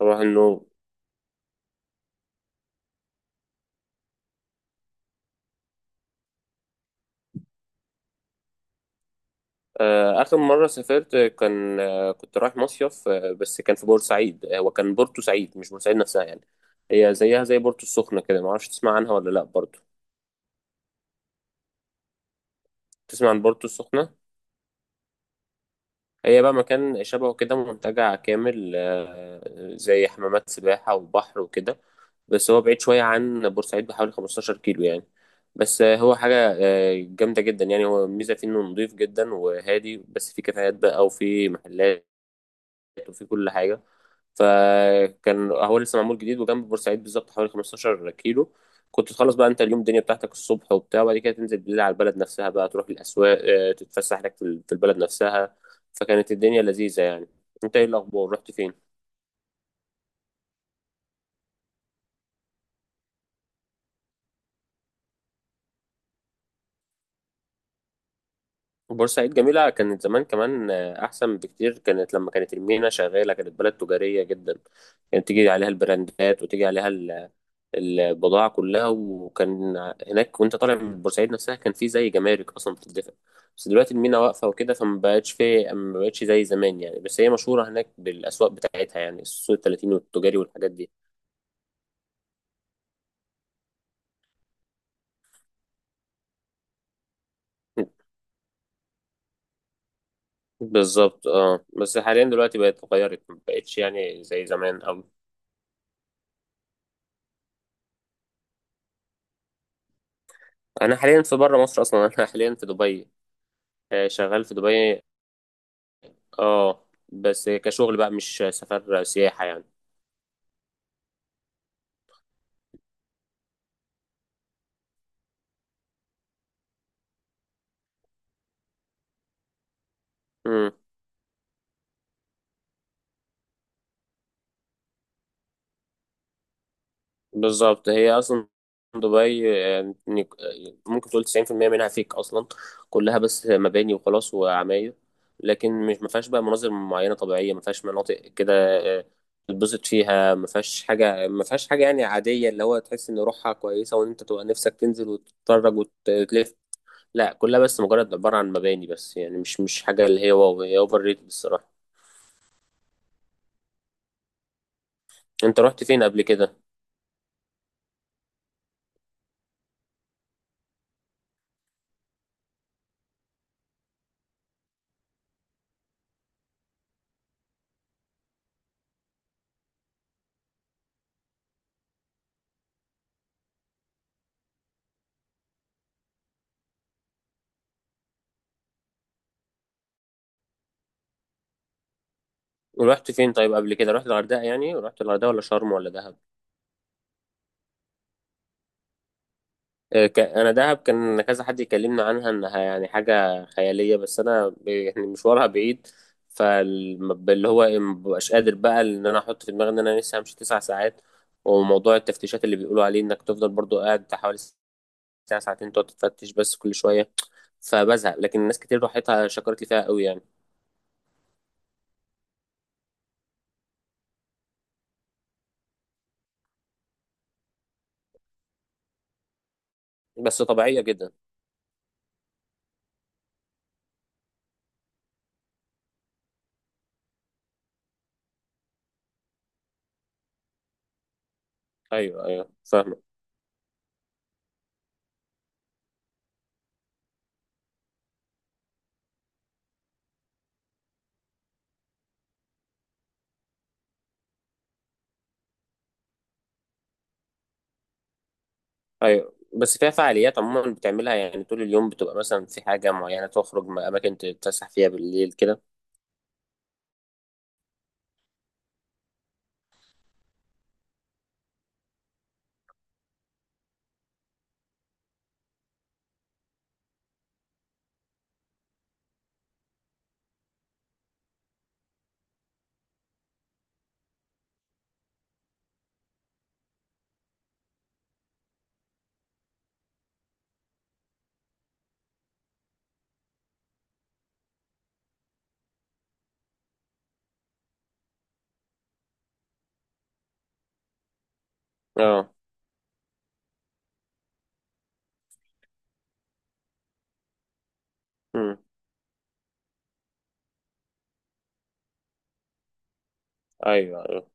صباح النور. آخر مرة سافرت كان، كنت رايح مصيف، بس كان في بورسعيد. وكان بورتو سعيد مش بورسعيد نفسها يعني. هي زيها زي بورتو السخنة كده، معرفش تسمع عنها ولا لأ برضو. تسمع عن بورتو السخنة؟ هي بقى مكان شبهه كده، منتجع كامل، زي حمامات سباحة وبحر وكده. بس هو بعيد شوية عن بورسعيد بحوالي 15 كيلو يعني. بس آه، هو حاجة آه، جامدة جدا يعني. هو الميزة فيه إنه نضيف جدا وهادي، بس فيه كافيهات بقى وفيه محلات وفيه كل حاجة. فكان هو لسه معمول جديد، وجنب بورسعيد بالظبط حوالي 15 كيلو. كنت تخلص بقى انت اليوم الدنيا بتاعتك الصبح وبتاع، وبعد كده تنزل بالليل على البلد نفسها بقى، تروح الاسواق، تتفسح لك في البلد نفسها. فكانت الدنيا لذيذة يعني. انت ايه الاخبار، رحت فين؟ بورسعيد جميلة كانت زمان كمان، احسن بكتير. كانت لما كانت المينا شغالة كانت بلد تجارية جدا، كانت تيجي عليها البراندات وتيجي عليها البضاعة كلها. وكان هناك، وانت طالع من بورسعيد نفسها، كان في زي جمارك اصلا بتدفع. بس دلوقتي المينا واقفة وكده، فما بقتش في ما بقتش زي زمان يعني. بس هي مشهورة هناك بالاسواق بتاعتها، يعني السوق التلاتين والتجاري والحاجات دي. بالظبط، اه. بس حاليا دلوقتي بقت اتغيرت، ما بقتش يعني زي زمان أوي. انا حاليا في بره مصر اصلا. انا حاليا في دبي. شغال في دبي. اه. بس كشغل بقى، مش سفر سياحة. يعني بالظبط، هي اصلا دبي، ممكن تقول 90% منها فيك اصلا. كلها بس مباني وخلاص وعماير، لكن مش. ما فيهاش بقى مناظر معينه طبيعيه، ما فيهاش مناطق كده آه، تتبسط فيها. ما فيهاش حاجه يعني عاديه، اللي هو تحس ان روحها كويسه وان انت تبقى نفسك تنزل وتتفرج وتلف. لا، كلها بس مجرد عباره عن مباني بس يعني. مش حاجه اللي هي واو. هي اوفر ريتد الصراحه. انت رحت فين قبل كده؟ ورحت فين طيب قبل كده، رحت الغردقه؟ يعني رحت الغردقه ولا شرم ولا دهب؟ انا دهب كان كذا حد يكلمنا عنها انها يعني حاجه خياليه، بس انا يعني مشوارها بعيد. فاللي هو إيه، مبقاش قادر بقى ان انا احط في دماغي ان انا لسه همشي 9 ساعات. وموضوع التفتيشات اللي بيقولوا عليه انك تفضل برضو قاعد بتاع حوالي ساعه ساعتين، تقعد تتفتش بس كل شويه. فبزهق. لكن الناس كتير راحتها شكرت لي فيها قوي يعني. بس طبيعيه جدا. ايوه ايوه، فاهمه. ايوه، بس فيها فعاليات عموما بتعملها، يعني طول اليوم بتبقى مثلا في حاجه معينه، تخرج اماكن تتفسح فيها بالليل كده. اه. امم ايوه ايوه،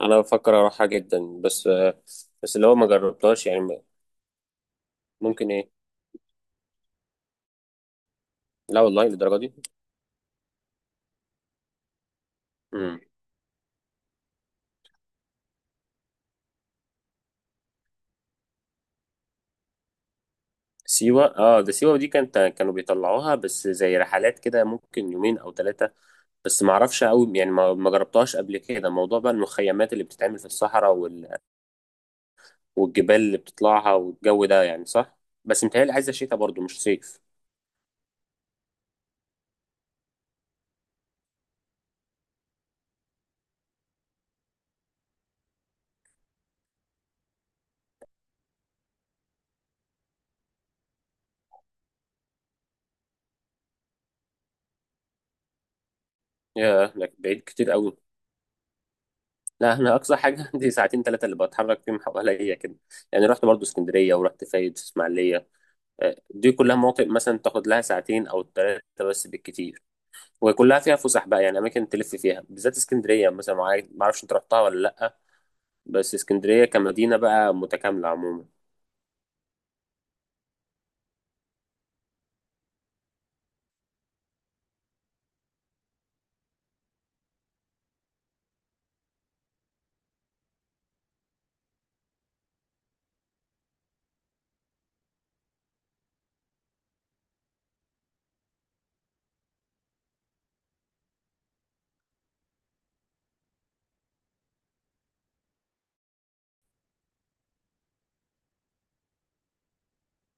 انا بفكر اروحها جدا، بس بس اللي هو ما جربتهاش يعني. ممكن ايه؟ لا والله، للدرجه دي؟ امم سيوه، اه. ده سيوه دي كانت، كانوا بيطلعوها بس زي رحلات كده، ممكن يومين او 3. بس ما اعرفش قوي يعني، ما جربتهاش قبل كده، موضوع بقى المخيمات اللي بتتعمل في الصحراء والجبال اللي بتطلعها والجو ده، يعني صح؟ بس متهيألي عايزه شتاء برضو مش صيف. ياه، ده بعيد كتير قوي. لا، انا اقصى حاجه عندي ساعتين ثلاثه اللي بتحرك فيهم حواليا كده يعني. رحت برضو اسكندريه ورحت فايد اسماعيليه. دي كلها مناطق مثلا تاخد لها ساعتين او 3 بس بالكتير، وكلها فيها فسح بقى يعني، اماكن تلف فيها. بالذات اسكندريه مثلا، ما اعرفش انت رحتها ولا لا. بس اسكندريه كمدينه بقى متكامله عموما.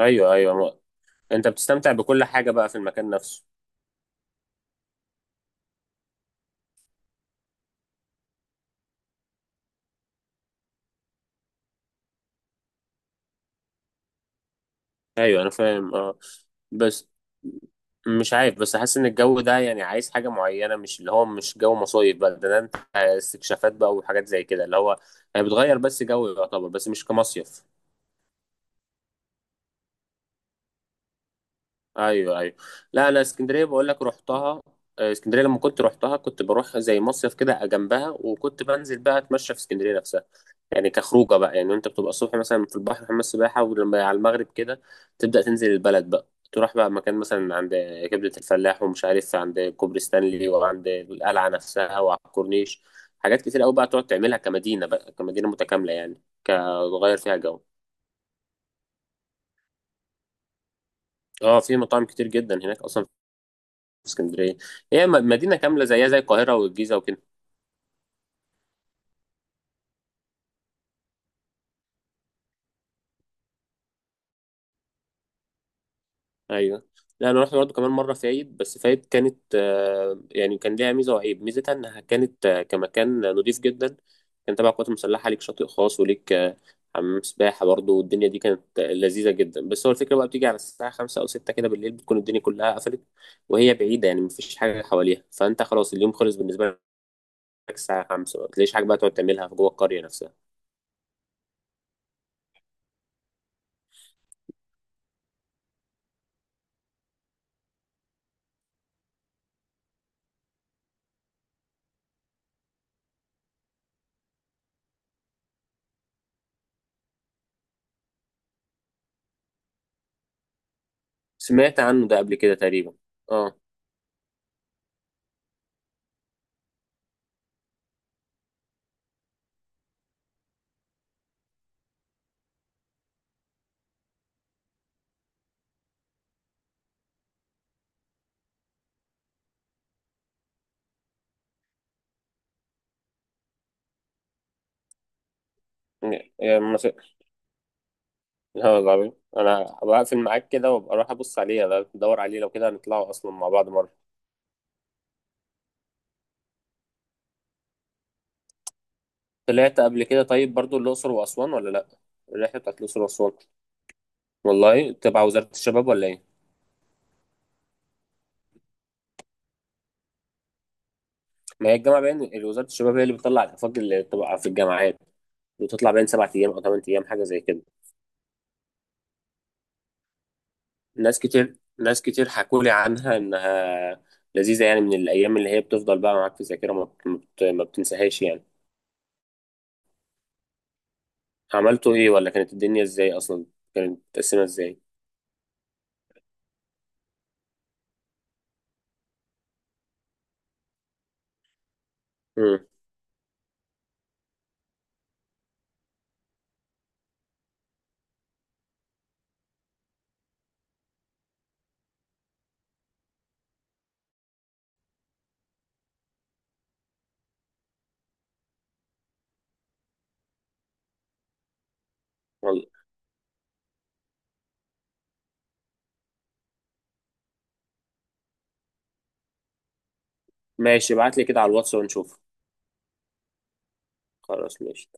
ايوه ايوه، انت بتستمتع بكل حاجه بقى في المكان نفسه. ايوه انا فاهم، اه. بس مش عارف، بس حاسس ان الجو ده يعني عايز حاجه معينه. مش اللي هو مش جو مصايف بقى، ده انت استكشافات بقى وحاجات زي كده. اللي هو يعني بتغير بس جو يعتبر، بس مش كمصيف. ايوه ايوه. لا، انا اسكندريه بقول لك رحتها. اسكندريه لما كنت رحتها كنت بروح زي مصيف كده جنبها، وكنت بنزل بقى اتمشى في اسكندريه نفسها، يعني كخروجه بقى. يعني انت بتبقى الصبح مثلا في البحر حمام السباحه، ولما على المغرب كده تبدا تنزل البلد بقى، تروح بقى مكان مثلا عند كبده الفلاح، ومش عارف عند كوبري ستانلي، وعند القلعه نفسها، وعلى الكورنيش. حاجات كتير قوي بقى تقعد تعملها كمدينه بقى، كمدينه متكامله يعني، كتغير فيها جو. اه، في مطاعم كتير جدا هناك اصلا. في اسكندريه، هي مدينه كامله زيها زي القاهره والجيزه وكده. ايوه. لا انا رحت برضه كمان مره فايد. بس فايد كانت، يعني كان ليها ميزه وعيب. ميزتها انها كانت كمكان نضيف جدا. كان تبع القوات المسلحه، ليك شاطئ خاص وليك حمام سباحه برضه. والدنيا دي كانت لذيذه جدا. بس هو الفكره بقى، بتيجي على الساعه 5 او 6 كده بالليل بتكون الدنيا كلها قفلت. وهي بعيده يعني، مفيش حاجه حواليها. فانت خلاص اليوم خلص بالنسبه لك. الساعه 5 ما بتلاقيش حاجه بقى تقعد تعملها في جوه القريه نفسها. سمعت عنه ده قبل كده تقريبا. اه. لا، العظيم. انا بقفل معاك كده وابقى اروح ابص عليه، أنا بدور عليه. لو كده هنطلعوا اصلا مع بعض مره. طلعت قبل كده طيب برضو الاقصر واسوان ولا لا؟ الرحله بتاعت الاقصر واسوان، والله تبع وزاره الشباب ولا ايه؟ ما هي الجامعه باين وزاره الشباب هي اللي بتطلع الافاق اللي بتبقى في الجامعات، وتطلع باين 7 ايام او 8 ايام حاجه زي كده. ناس كتير حكوا لي عنها انها لذيذه يعني، من الايام اللي هي بتفضل بقى معاك في الذاكره، ما بتنساهاش يعني. عملتوا ايه، ولا كانت الدنيا ازاي اصلا؟ كانت متقسمه ازاي؟ امم ماشي، ابعت لي كده على الواتس ونشوف. خلاص، ماشي.